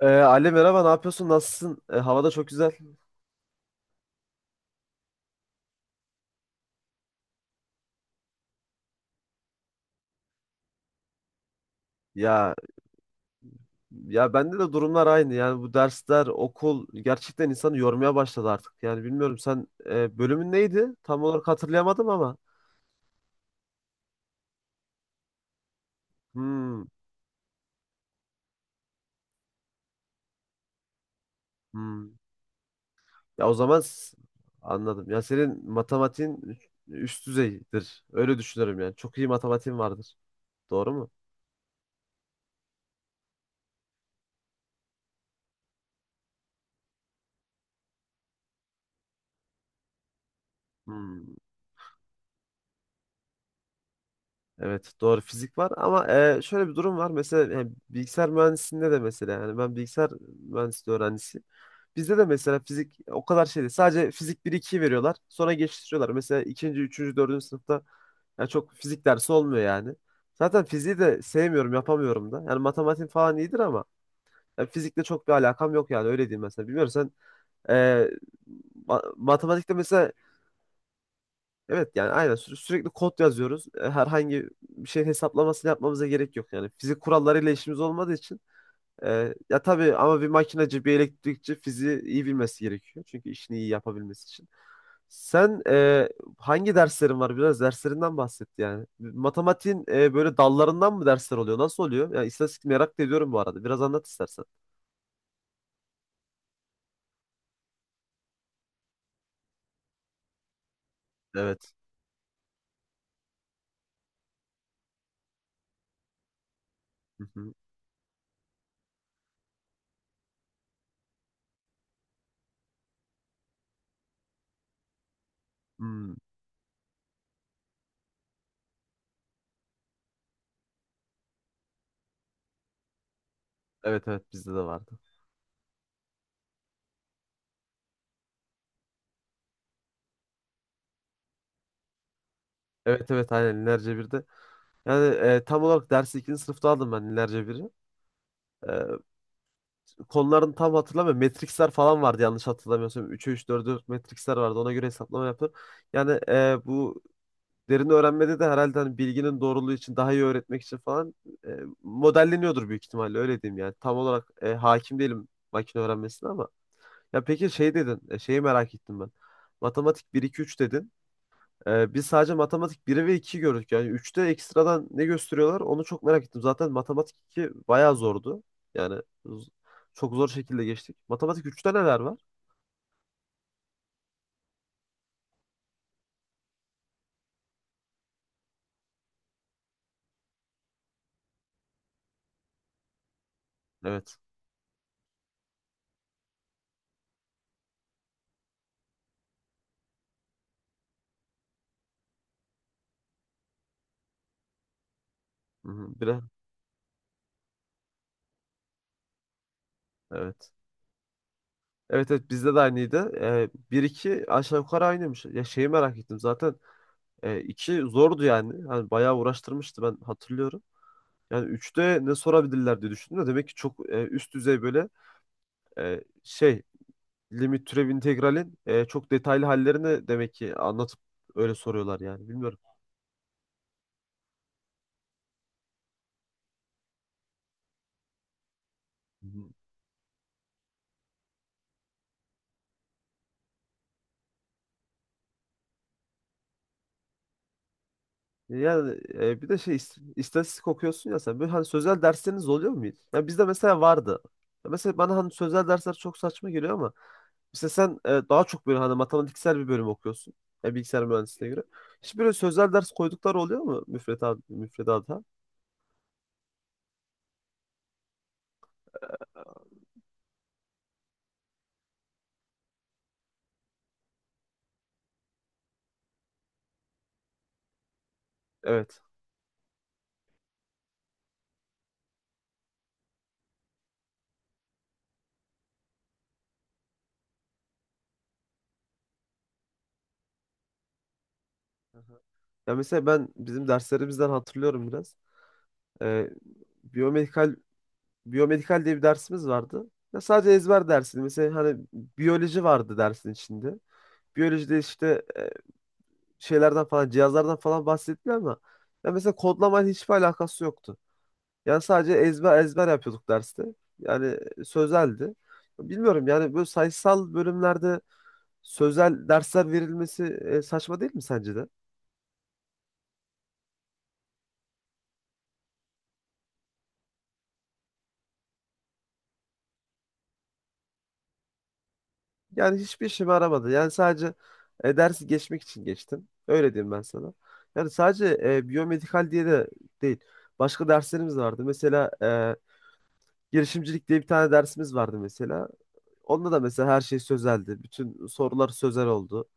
Ali merhaba, ne yapıyorsun, nasılsın? Havada çok güzel. Ya, ya bende de durumlar aynı yani, bu dersler, okul gerçekten insanı yormaya başladı artık. Yani bilmiyorum, sen bölümün neydi tam olarak, hatırlayamadım ama hmm, hmm. Ya o zaman anladım. Ya senin matematiğin üst düzeydir, öyle düşünüyorum. Yani çok iyi matematiğin vardır, doğru mu? Hmm. Evet doğru, fizik var ama şöyle bir durum var. Mesela yani bilgisayar mühendisliğinde de, mesela yani ben bilgisayar mühendisliği öğrencisiyim. Bizde de mesela fizik o kadar şey değil. Sadece fizik bir 2'yi veriyorlar. Sonra geçiştiriyorlar. Mesela ikinci, üçüncü, dördüncü sınıfta yani çok fizik dersi olmuyor yani. Zaten fiziği de sevmiyorum, yapamıyorum da. Yani matematik falan iyidir ama yani fizikle çok bir alakam yok yani, öyle diyeyim mesela. Bilmiyorum sen e, matematikte mesela evet yani aynen sürekli kod yazıyoruz. Herhangi bir şeyin hesaplamasını yapmamıza gerek yok yani. Fizik kurallarıyla işimiz olmadığı için ya tabii ama bir makinacı, bir elektrikçi fiziği iyi bilmesi gerekiyor. Çünkü işini iyi yapabilmesi için. Sen hangi derslerin var? Biraz derslerinden bahset yani. Matematiğin böyle dallarından mı dersler oluyor? Nasıl oluyor? Yani istatistik merak da ediyorum bu arada. Biraz anlat istersen. Evet. Hı hı. Hmm. Evet evet bizde de vardı. Evet evet aynen lineer cebirde. Yani tam olarak dersi ikinci sınıfta aldım ben ilerce biri. E, Konularını tam hatırlamıyorum. Matrixler falan vardı yanlış hatırlamıyorsam. 3'e üç, 4'e 4 matrixler vardı. Ona göre hesaplama yaptım. Yani bu derin öğrenmede de herhalde hani bilginin doğruluğu için, daha iyi öğretmek için falan e, modelleniyordur büyük ihtimalle, öyle diyeyim yani. Tam olarak hakim değilim makine öğrenmesine ama. Ya peki şey dedin, şeyi merak ettim ben. Matematik bir 2 3 dedin. Biz sadece matematik 1 ve 2 gördük. Yani üçte ekstradan ne gösteriyorlar onu çok merak ettim. Zaten matematik 2 bayağı zordu. Yani çok zor şekilde geçtik. Matematik üçte neler var? Evet. Hı-hı. Bire. Evet. Evet evet bizde de aynıydı. 1-2 aşağı yukarı aynıymış. Ya şeyi merak ettim zaten. 2 zordu yani. Hani bayağı uğraştırmıştı, ben hatırlıyorum. Yani üçte ne sorabilirler diye düşündüm de, demek ki çok üst düzey böyle şey limit, türev, integralin çok detaylı hallerini demek ki anlatıp öyle soruyorlar yani. Bilmiyorum. Hı hı. Yani bir de şey istatistik okuyorsun ya sen. Böyle hani sözel dersleriniz oluyor mu hiç? Ya bizde mesela vardı. Ya mesela bana hani sözel dersler çok saçma geliyor ama mesela sen daha çok böyle hani matematiksel bir bölüm okuyorsun. Ya bilgisayar mühendisliğine göre. Hiç böyle sözel ders koydukları oluyor mu müfredat müfredata? Evet. Ya mesela ben bizim derslerimizden hatırlıyorum biraz. Ee, biyomedikal biyomedikal diye bir dersimiz vardı. Ya sadece ezber dersiydi. Mesela hani biyoloji vardı dersin içinde. Biyolojide işte şeylerden falan, cihazlardan falan bahsettiler ama ya mesela kodlamayla hiçbir alakası yoktu. Yani sadece ezber ezber yapıyorduk derste. Yani sözeldi. Bilmiyorum yani böyle sayısal bölümlerde sözel dersler verilmesi saçma değil mi sence de? Yani hiçbir işime yaramadı. Yani sadece dersi geçmek için geçtim. Öyle diyeyim ben sana. Yani sadece biyomedikal diye de değil. Başka derslerimiz vardı. Mesela girişimcilik diye bir tane dersimiz vardı mesela. Onda da mesela her şey sözeldi. Bütün sorular sözel oldu.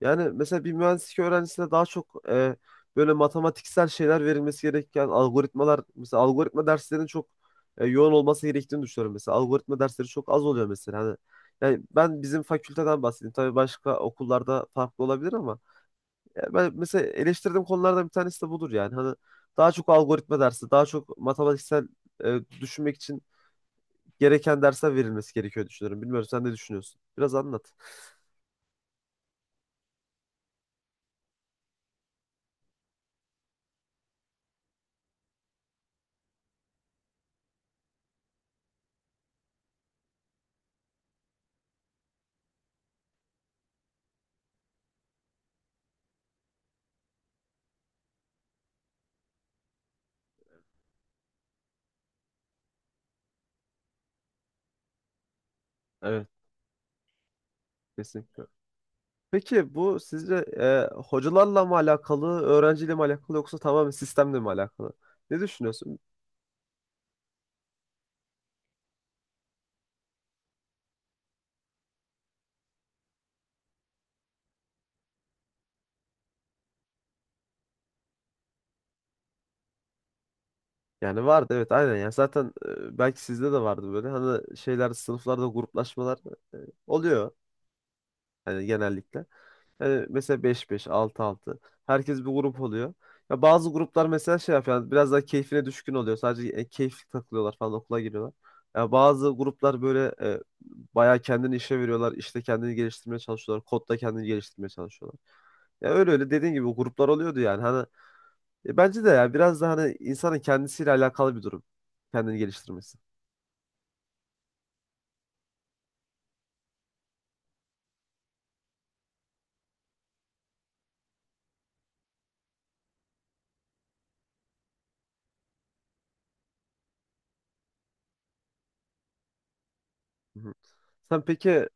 Yani mesela bir mühendislik öğrencisine daha çok böyle matematiksel şeyler verilmesi gereken, algoritmalar mesela, algoritma derslerinin çok yoğun olması gerektiğini düşünüyorum mesela. Algoritma dersleri çok az oluyor mesela. Hani yani ben bizim fakülteden bahsedeyim. Tabii başka okullarda farklı olabilir ama ya ben mesela eleştirdiğim konulardan bir tanesi de budur yani. Hani daha çok algoritma dersi, daha çok matematiksel düşünmek için gereken dersler verilmesi gerekiyor düşünüyorum. Bilmiyorum sen ne düşünüyorsun? Biraz anlat. Evet, kesinlikle. Peki bu sizce hocalarla mı alakalı, öğrenciyle mi alakalı, yoksa tamamen sistemle mi alakalı? Ne düşünüyorsun? Yani vardı evet, aynen. Yani zaten belki sizde de vardı böyle hani şeyler, sınıflarda gruplaşmalar e, oluyor hani genellikle. Yani mesela beş beş, altı altı, herkes bir grup oluyor. Ya bazı gruplar mesela şey yapıyor yani, biraz daha keyfine düşkün oluyor, sadece keyifli takılıyorlar falan, okula giriyorlar. Ya bazı gruplar böyle bayağı kendini işe veriyorlar. İşte kendini geliştirmeye çalışıyorlar. Kodda kendini geliştirmeye çalışıyorlar. Ya öyle öyle dediğin gibi gruplar oluyordu yani. Hani bence de ya, biraz da hani insanın kendisiyle alakalı bir durum. Kendini geliştirmesi. Hı hı. Sen peki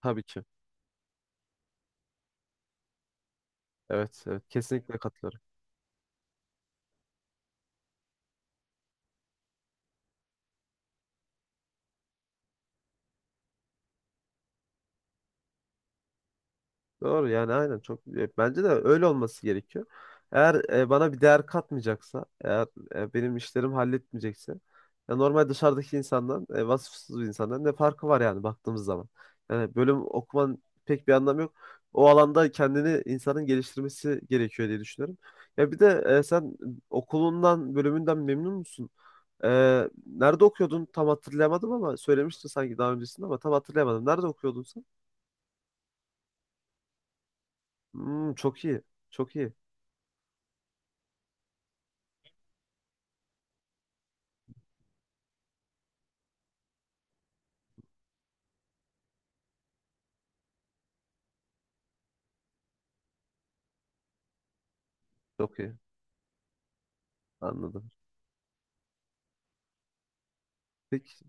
tabii ki. Evet, evet kesinlikle katılıyorum. Doğru yani, aynen. Çok bence de öyle olması gerekiyor. Eğer bana bir değer katmayacaksa, eğer benim işlerimi halletmeyecekse, ya normal dışarıdaki insandan, vasıfsız bir insandan ne farkı var yani baktığımız zaman. Yani bölüm okuman pek bir anlamı yok. O alanda kendini insanın geliştirmesi gerekiyor diye düşünüyorum. Ya bir de sen okulundan, bölümünden memnun musun? E, Nerede okuyordun? Tam hatırlayamadım ama söylemiştin sanki daha öncesinde, ama tam hatırlayamadım. Nerede okuyordun sen? Hmm, çok iyi. Çok iyi. Çok iyi. Anladım. Peki.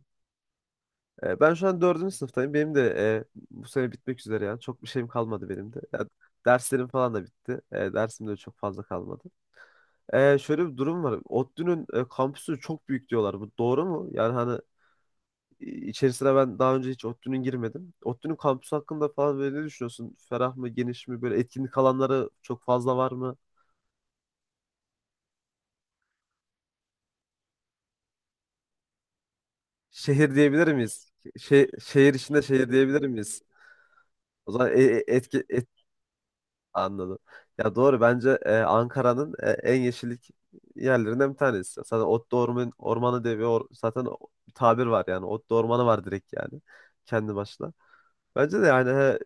E, ben şu an dördüncü sınıftayım. Benim de bu sene bitmek üzere yani. Çok bir şeyim kalmadı benim de. Yani derslerim falan da bitti. Dersim de çok fazla kalmadı. Şöyle bir durum var. ODTÜ'nün kampüsü çok büyük diyorlar. Bu doğru mu? Yani hani içerisine ben daha önce hiç ODTÜ'nün girmedim. ODTÜ'nün kampüsü hakkında falan böyle ne düşünüyorsun? Ferah mı, geniş mi? Böyle etkinlik alanları çok fazla var mı? Şehir diyebilir miyiz? Şey, şehir içinde şehir diyebilir miyiz? O zaman etki, anladım. Ya doğru, bence Ankara'nın en yeşillik yerlerinden bir tanesi. Zaten Otlu Orman, Ormanı diye zaten bir tabir var yani. Otlu Ormanı var direkt yani, kendi başına. Bence de yani he,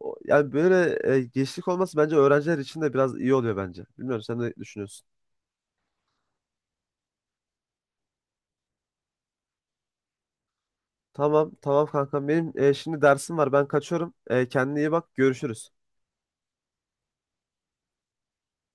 yani böyle yeşillik olması bence öğrenciler için de biraz iyi oluyor bence. Bilmiyorum sen ne düşünüyorsun? Tamam tamam kankam benim, şimdi dersim var, ben kaçıyorum. Kendine iyi bak, görüşürüz.